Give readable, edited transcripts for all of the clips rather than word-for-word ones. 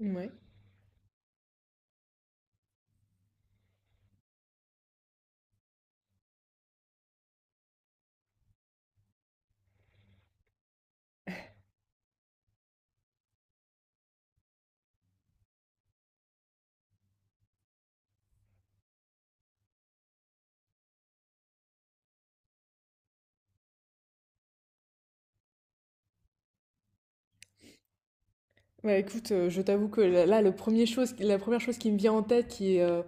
Ouais. Ouais, écoute, je t'avoue que là, la première chose qui me vient en tête, qui est, euh,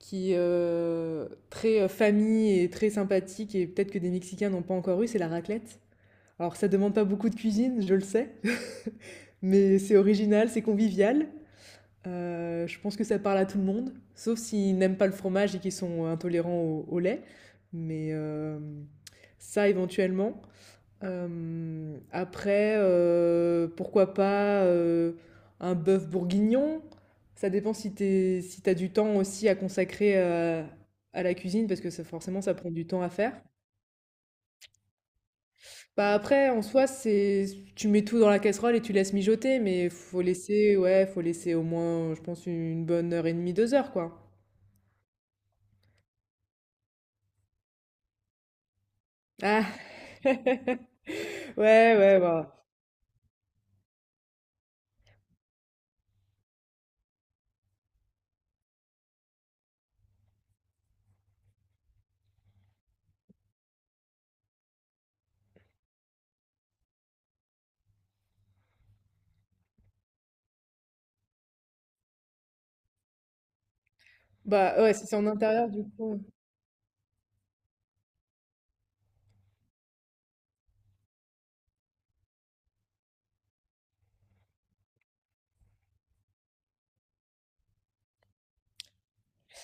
qui est, euh, très famille et très sympathique, et peut-être que des Mexicains n'ont pas encore eu, c'est la raclette. Alors, ça demande pas beaucoup de cuisine, je le sais, mais c'est original, c'est convivial. Je pense que ça parle à tout le monde, sauf s'ils n'aiment pas le fromage et qu'ils sont intolérants au lait. Mais euh, Ça, éventuellement. Après, pourquoi pas, un bœuf bourguignon? Ça dépend si si t'as du temps aussi à consacrer, à la cuisine parce que ça forcément ça prend du temps à faire. Bah, après en soi c'est tu mets tout dans la casserole et tu laisses mijoter, mais faut laisser, ouais, faut laisser au moins, je pense, une bonne heure et demie, 2 heures quoi. Ah! Ouais, ouais, bah, ouais, si c'est en intérieur du coup.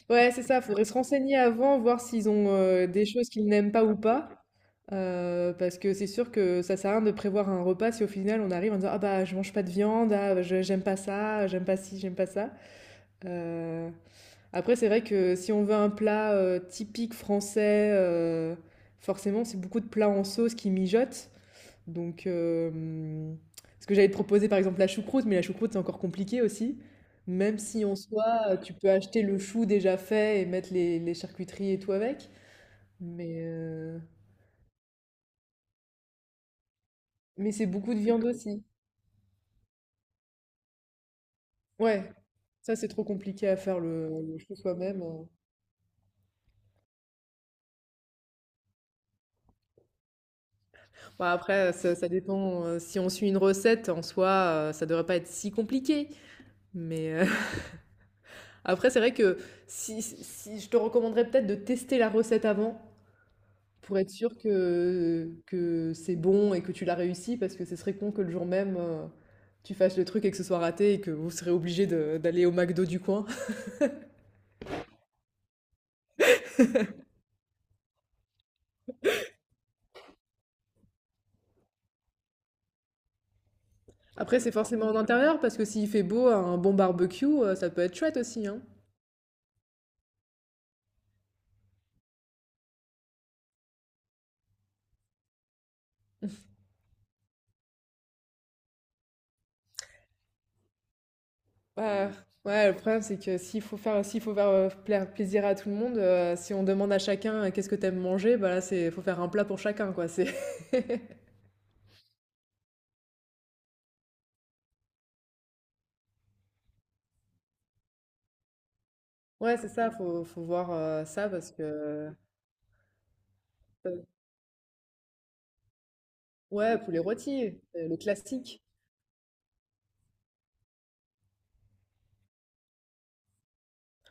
Ouais, c'est ça, faudrait se renseigner avant, voir s'ils ont des choses qu'ils n'aiment pas ou pas. Parce que c'est sûr que ça sert à rien de prévoir un repas si au final on arrive en disant: ah bah je mange pas de viande, ah bah, j'aime pas ça, j'aime pas ci, j'aime pas ça. Euh, Après, c'est vrai que si on veut un plat typique français, forcément c'est beaucoup de plats en sauce qui mijotent. Donc, ce que j'allais te proposer, par exemple, la choucroute, mais la choucroute, c'est encore compliqué aussi. Même si en soi, tu peux acheter le chou déjà fait et mettre les charcuteries et tout avec. Mais, euh, mais c'est beaucoup de viande aussi. Ouais, ça, c'est trop compliqué à faire le chou soi-même. Bon, après, ça, ça dépend. Si on suit une recette, en soi, ça devrait pas être si compliqué. Mais euh, Après, c'est vrai que si, je te recommanderais peut-être de tester la recette avant. Pour être sûr que c'est bon et que tu l'as réussi, parce que ce serait con que le jour même, tu fasses le truc et que ce soit raté et que vous serez obligé d'aller au McDo du coin. Après, c'est forcément en intérieur, parce que s'il fait beau, un bon barbecue, ça peut être chouette aussi, hein. Ouais, ouais, le problème, c'est que s'il faut faire plaisir à tout le monde, si on demande à chacun qu'est-ce que t'aimes manger, bah là, c'est, faut faire un plat pour chacun, quoi. C'est... Ouais, c'est ça, faut voir ça, parce que... euh, Ouais, poulet rôti, le classique.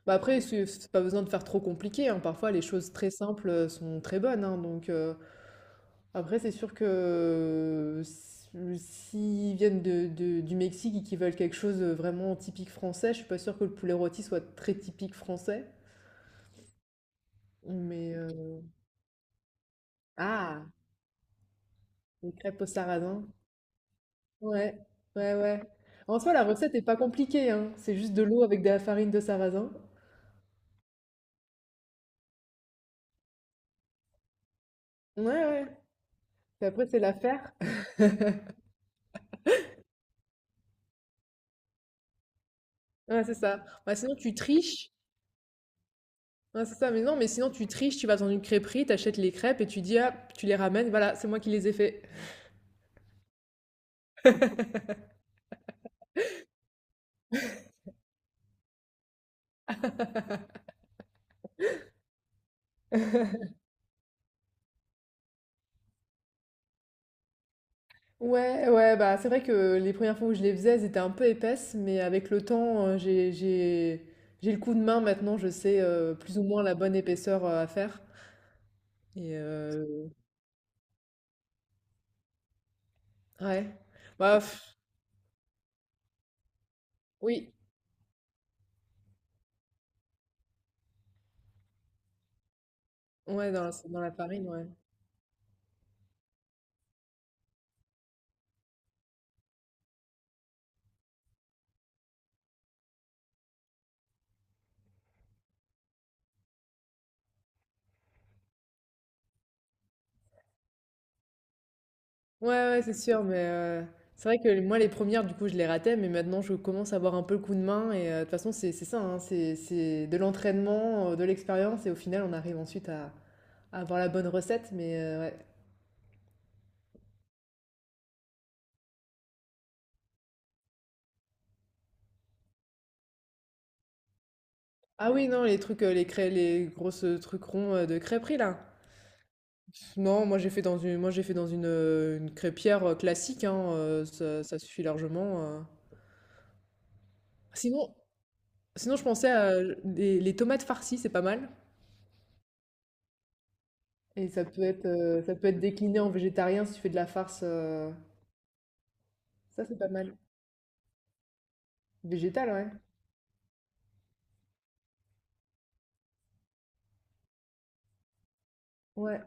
Bah après, c'est pas besoin de faire trop compliqué, hein. Parfois, les choses très simples sont très bonnes, hein. Donc, après, c'est sûr que s'ils viennent du Mexique et qu'ils veulent quelque chose de vraiment typique français, je suis pas sûre que le poulet rôti soit très typique français. Mais, euh, ah, les crêpes au sarrasin. Ouais, ouais, ouais. En soi, la recette est pas compliquée, hein. C'est juste de l'eau avec de la farine de sarrasin. Ouais, ouais. Et après, c'est l'affaire. Ouais, c'est ça. Bah, sinon, tu triches. Ouais, c'est ça, mais non, mais sinon tu triches, tu vas dans une crêperie, t'achètes les crêpes et tu dis, ah, tu les ramènes, voilà, c'est moi qui les ai fait. Ouais, ouais, bah c'est vrai que les premières fois où je les faisais, elles étaient un peu épaisses, mais avec le temps, j'ai le coup de main maintenant, je sais plus ou moins la bonne épaisseur à faire. Et euh, ouais, bah pff, oui, ouais, dans dans la farine, ouais. Ouais, ouais, c'est sûr, c'est vrai que moi, les premières du coup, je les ratais, mais maintenant, je commence à avoir un peu le coup de main et, de toute façon, c'est ça, hein, c'est de l'entraînement, de l'expérience et au final, on arrive ensuite à avoir la bonne recette, mais ouais. Ah oui, non, les trucs, les grosses, trucs ronds, de crêperie, là? Pff, non, moi, j'ai fait dans une crêpière, classique, hein, ça suffit largement. Sinon sinon, je pensais à les tomates farcies, c'est pas mal? Et ça peut être décliné en végétarien si tu fais de la farce. Ça, c'est pas mal. Végétal, ouais. Ouais.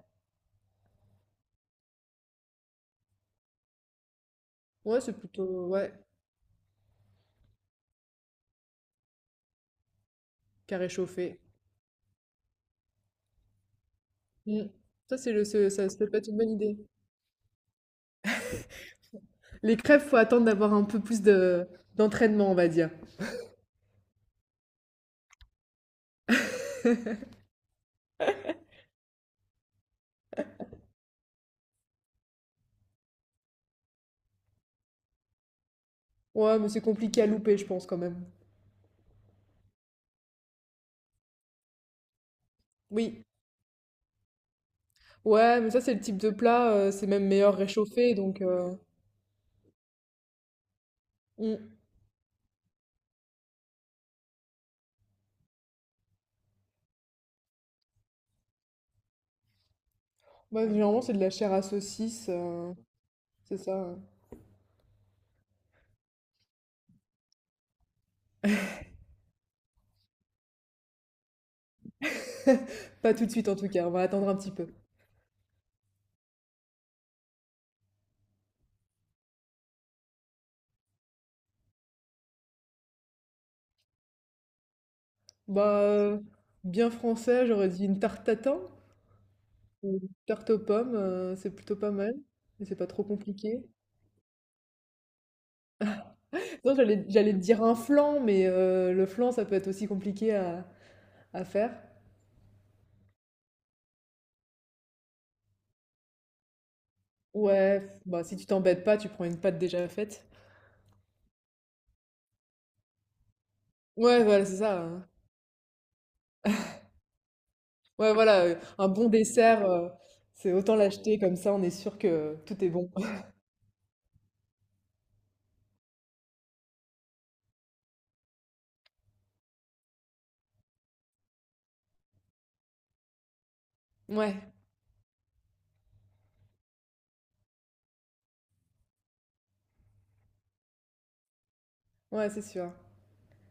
Ouais, c'est plutôt. Ouais, carré chauffé. Mm. Ça, ça peut être une bonne idée. Les crêpes, faut attendre d'avoir un peu plus d'entraînement, on va dire. Ouais, mais c'est compliqué à louper, je pense, quand même. Oui. Ouais, mais ça, c'est le type de plat, c'est même meilleur réchauffé, donc... mm. Ouais, généralement, c'est de la chair à saucisse, c'est ça. Pas tout de suite, en tout cas, on va attendre un petit peu. Bah, euh, Bien français, j'aurais dit une tarte tatin ou une tarte aux pommes, c'est plutôt pas mal, mais c'est pas trop compliqué. Non, j'allais te dire un flan, mais le flan, ça peut être aussi compliqué à faire. Ouais, bah si tu t'embêtes pas, tu prends une pâte déjà faite. Ouais, voilà, c'est ça, hein. Ouais, voilà, un bon dessert, c'est autant l'acheter, comme ça on est sûr que tout est bon. Ouais, ouais, c'est sûr.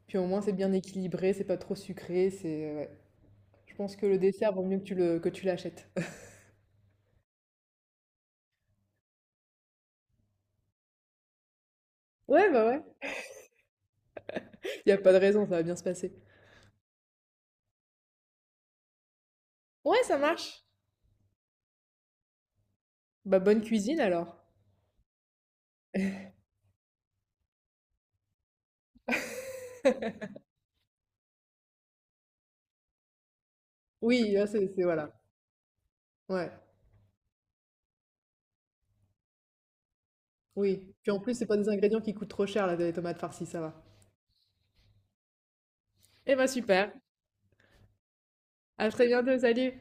Puis au moins c'est bien équilibré, c'est pas trop sucré, c'est... ouais. Je pense que le dessert, vaut mieux que que tu l'achètes. Ouais, bah ouais. Il a pas de raison, ça va bien se passer. Ouais, ça marche. Bah bonne cuisine alors. Oui, là, voilà. Ouais. Oui. Puis en plus, c'est pas des ingrédients qui coûtent trop cher là, les tomates farcies, ça va. Eh ben super. À très bientôt, salut.